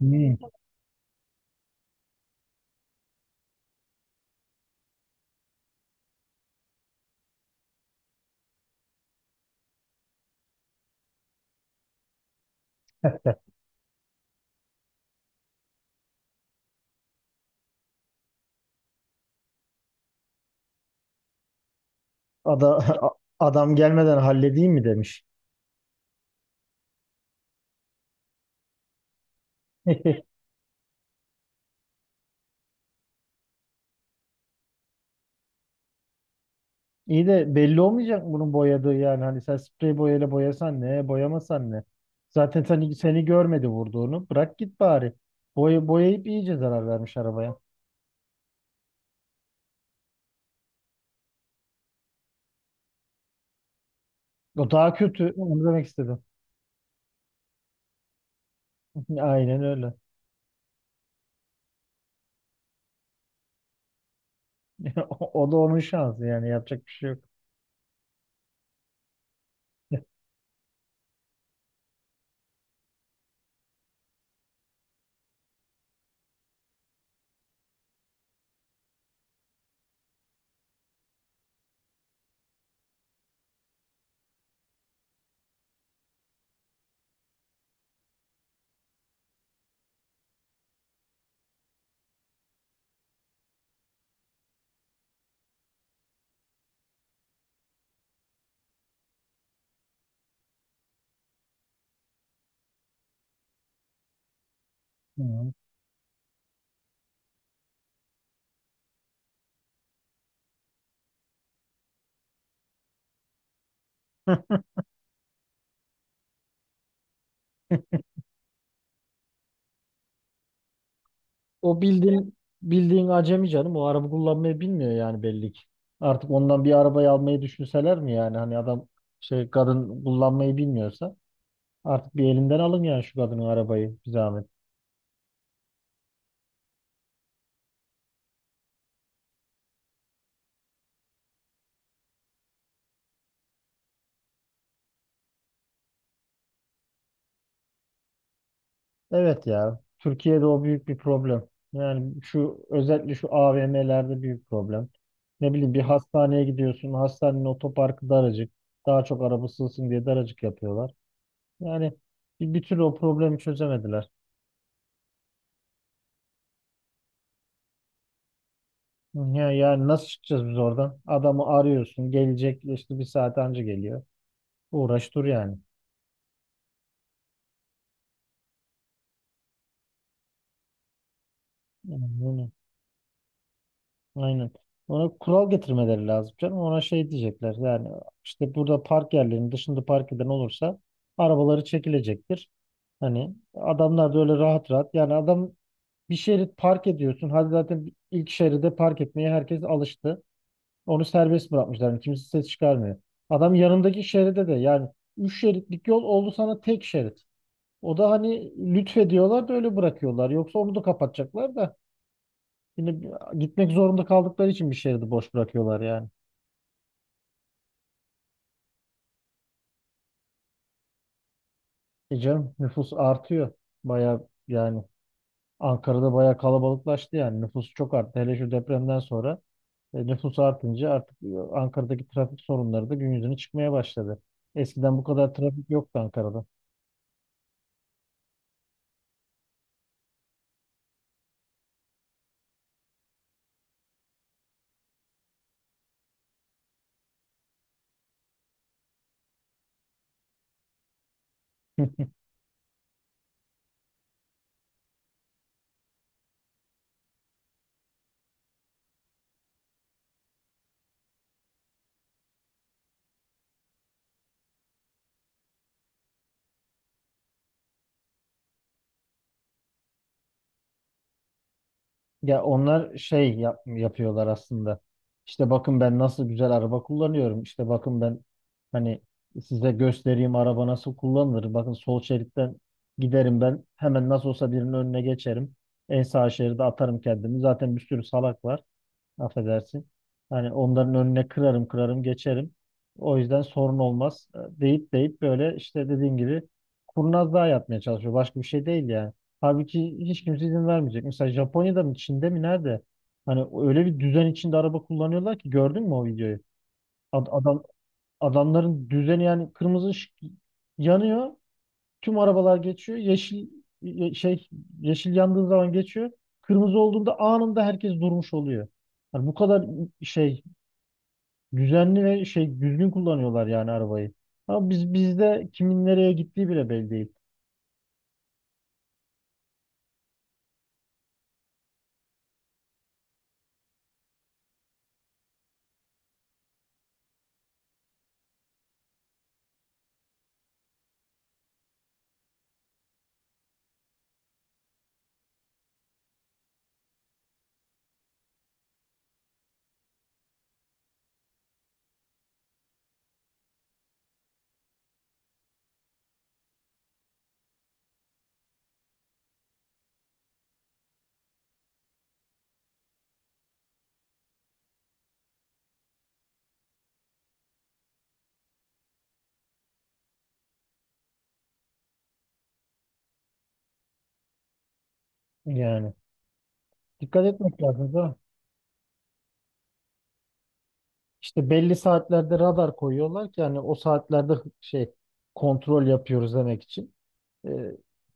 Hmm. Ada- Adam gelmeden halledeyim mi demiş. İyi de belli olmayacak mı bunun boyadığı yani hani sen sprey boyayla boyasan ne boyamasan ne. Zaten seni görmedi vurduğunu bırak git bari. Boya, boyayıp iyice zarar vermiş arabaya. O daha kötü onu demek istedim. Aynen öyle. O da onun şansı yani yapacak bir şey yok. Hı. O bildiğin acemi canım. O araba kullanmayı bilmiyor yani belli ki. Artık ondan bir arabayı almayı düşünseler mi yani? Hani adam şey kadın kullanmayı bilmiyorsa artık bir elinden alın yani şu kadının arabayı bir zahmet. Evet ya. Türkiye'de o büyük bir problem. Yani şu özellikle şu AVM'lerde büyük problem. Ne bileyim bir hastaneye gidiyorsun. Hastanenin otoparkı daracık. Daha çok araba sığsın diye daracık yapıyorlar. Yani bir türlü o problemi çözemediler. Ya, yani nasıl çıkacağız biz oradan? Adamı arıyorsun. Gelecek işte bir saat önce geliyor. Uğraş dur yani. Aynen. Aynen. Ona kural getirmeleri lazım canım. Ona şey diyecekler yani işte burada park yerlerinin dışında park eden olursa arabaları çekilecektir. Hani adamlar da öyle rahat rahat yani adam bir şerit park ediyorsun. Hadi zaten ilk şeride park etmeye herkes alıştı. Onu serbest bırakmışlar. Yani kimse ses çıkarmıyor. Adam yanındaki şeride de yani üç şeritlik yol oldu sana tek şerit. O da hani lütfediyorlar da öyle bırakıyorlar. Yoksa onu da kapatacaklar da. Yine gitmek zorunda kaldıkları için bir şehri de boş bırakıyorlar yani. E canım nüfus artıyor. Baya yani Ankara'da baya kalabalıklaştı yani. Nüfus çok arttı. Hele şu depremden sonra nüfus artınca artık Ankara'daki trafik sorunları da gün yüzüne çıkmaya başladı. Eskiden bu kadar trafik yoktu Ankara'da. Ya onlar şey yapıyorlar aslında. İşte bakın ben nasıl güzel araba kullanıyorum. İşte bakın ben hani size göstereyim araba nasıl kullanılır. Bakın sol şeritten giderim ben. Hemen nasıl olsa birinin önüne geçerim. En sağ şeride atarım kendimi. Zaten bir sürü salak var affedersin. Hani onların önüne kırarım kırarım geçerim. O yüzden sorun olmaz deyip deyip böyle işte dediğin gibi kurnazlığa yapmaya çalışıyor. Başka bir şey değil yani. Halbuki hiç kimse izin vermeyecek. Mesela Japonya'da mı Çin'de mi nerede? Hani öyle bir düzen içinde araba kullanıyorlar ki gördün mü o videoyu? Ad- adam adamların düzeni yani kırmızı ışık yanıyor. Tüm arabalar geçiyor. Yeşil ye- şey yeşil yandığı zaman geçiyor. Kırmızı olduğunda anında herkes durmuş oluyor. Yani bu kadar şey düzenli ve şey düzgün kullanıyorlar yani arabayı. Ama bizde kimin nereye gittiği bile belli değil. Yani dikkat etmek lazım da. İşte belli saatlerde radar koyuyorlar ki yani o saatlerde şey kontrol yapıyoruz demek için. E,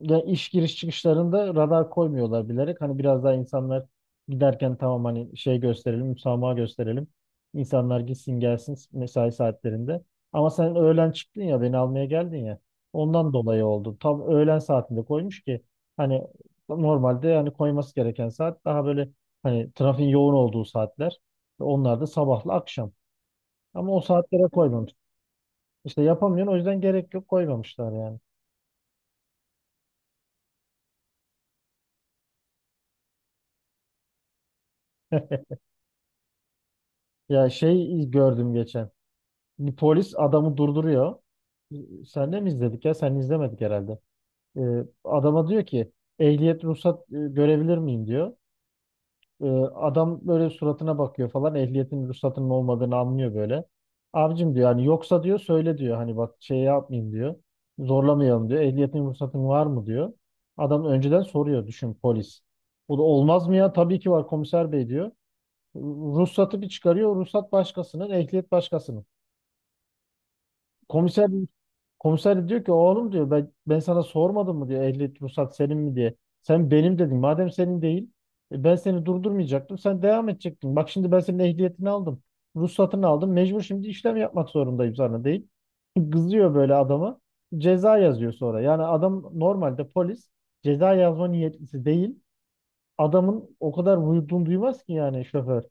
ya iş giriş çıkışlarında radar koymuyorlar bilerek. Hani biraz daha insanlar giderken tamam hani şey gösterelim, müsamaha gösterelim. İnsanlar gitsin gelsin mesai saatlerinde. Ama sen öğlen çıktın ya beni almaya geldin ya. Ondan dolayı oldu. Tam öğlen saatinde koymuş ki hani normalde hani koyması gereken saat daha böyle hani trafiğin yoğun olduğu saatler. Onlar da sabahla akşam. Ama o saatlere koymamış. İşte yapamıyorsun o yüzden gerek yok koymamışlar yani. Ya şey gördüm geçen. Bir polis adamı durduruyor. Senle mi izledik ya? Sen izlemedik herhalde. Ee, adama diyor ki ehliyet ruhsat görebilir miyim diyor. Ee, adam böyle suratına bakıyor falan ehliyetin ruhsatının olmadığını anlıyor böyle. Abicim diyor hani yoksa diyor söyle diyor hani bak şey yapmayayım diyor. Zorlamayalım diyor. Ehliyetin ruhsatın var mı diyor. Adam önceden soruyor düşün polis. Bu da olmaz mı ya? Tabii ki var komiser bey diyor. Ruhsatı bir çıkarıyor. Ruhsat başkasının, ehliyet başkasının. Komiser Komiser diyor ki oğlum diyor ben sana sormadım mı diyor ehliyet ruhsat senin mi diye. Sen benim dedin. Madem senin değil ben seni durdurmayacaktım. Sen devam edecektin. Bak şimdi ben senin ehliyetini aldım. Ruhsatını aldım. Mecbur şimdi işlem yapmak zorundayım sana deyip kızıyor böyle adama. Ceza yazıyor sonra. Yani adam normalde polis ceza yazma niyetlisi değil. Adamın o kadar vurduğunu duymaz ki yani şoför.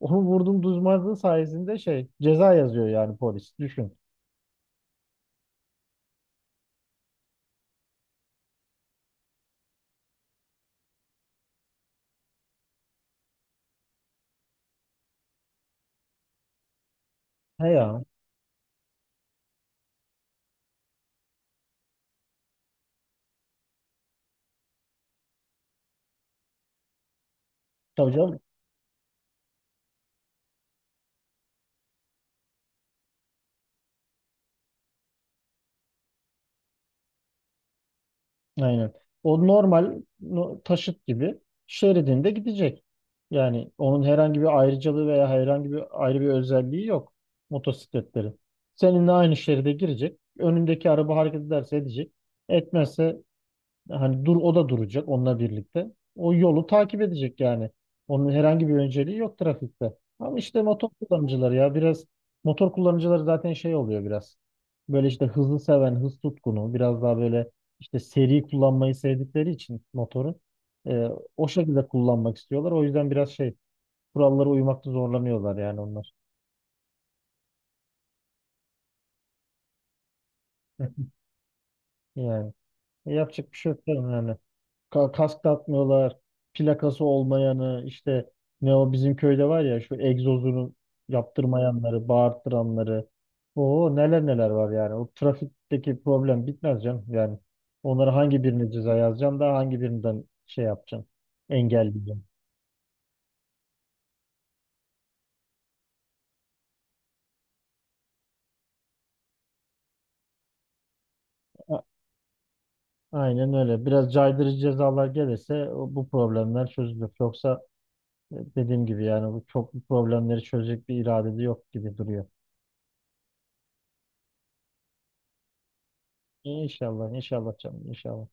Onu vurdum duymazlığı sayesinde şey ceza yazıyor yani polis. Düşün. He ya. Tabii canım. Aynen. O normal taşıt gibi şeridinde gidecek. Yani onun herhangi bir ayrıcalığı veya herhangi bir ayrı bir özelliği yok motosikletlerin. Seninle aynı şeride girecek. Önündeki araba hareket ederse edecek. Etmezse hani dur o da duracak onunla birlikte. O yolu takip edecek yani. Onun herhangi bir önceliği yok trafikte. Ama işte motor kullanıcıları zaten şey oluyor biraz. Böyle işte hızlı seven, hız tutkunu, biraz daha böyle işte seri kullanmayı sevdikleri için motoru e, o şekilde kullanmak istiyorlar. O yüzden biraz şey kurallara uymakta zorlanıyorlar yani onlar. Yani. Yapacak bir şey yok canım yani. Kask takmıyorlar. Plakası olmayanı işte ne o bizim köyde var ya şu egzozunu yaptırmayanları, bağırttıranları. O neler neler var yani. O trafikteki problem bitmez canım. Yani onlara hangi birine ceza yazacaksın da hangi birinden şey yapacaksın. Engelleyeceksin. A- Aynen öyle. Biraz caydırıcı cezalar gelirse bu problemler çözülür. Yoksa dediğim gibi yani bu problemleri çözecek bir irade de yok gibi duruyor. İnşallah, inşallah canım, inşallah.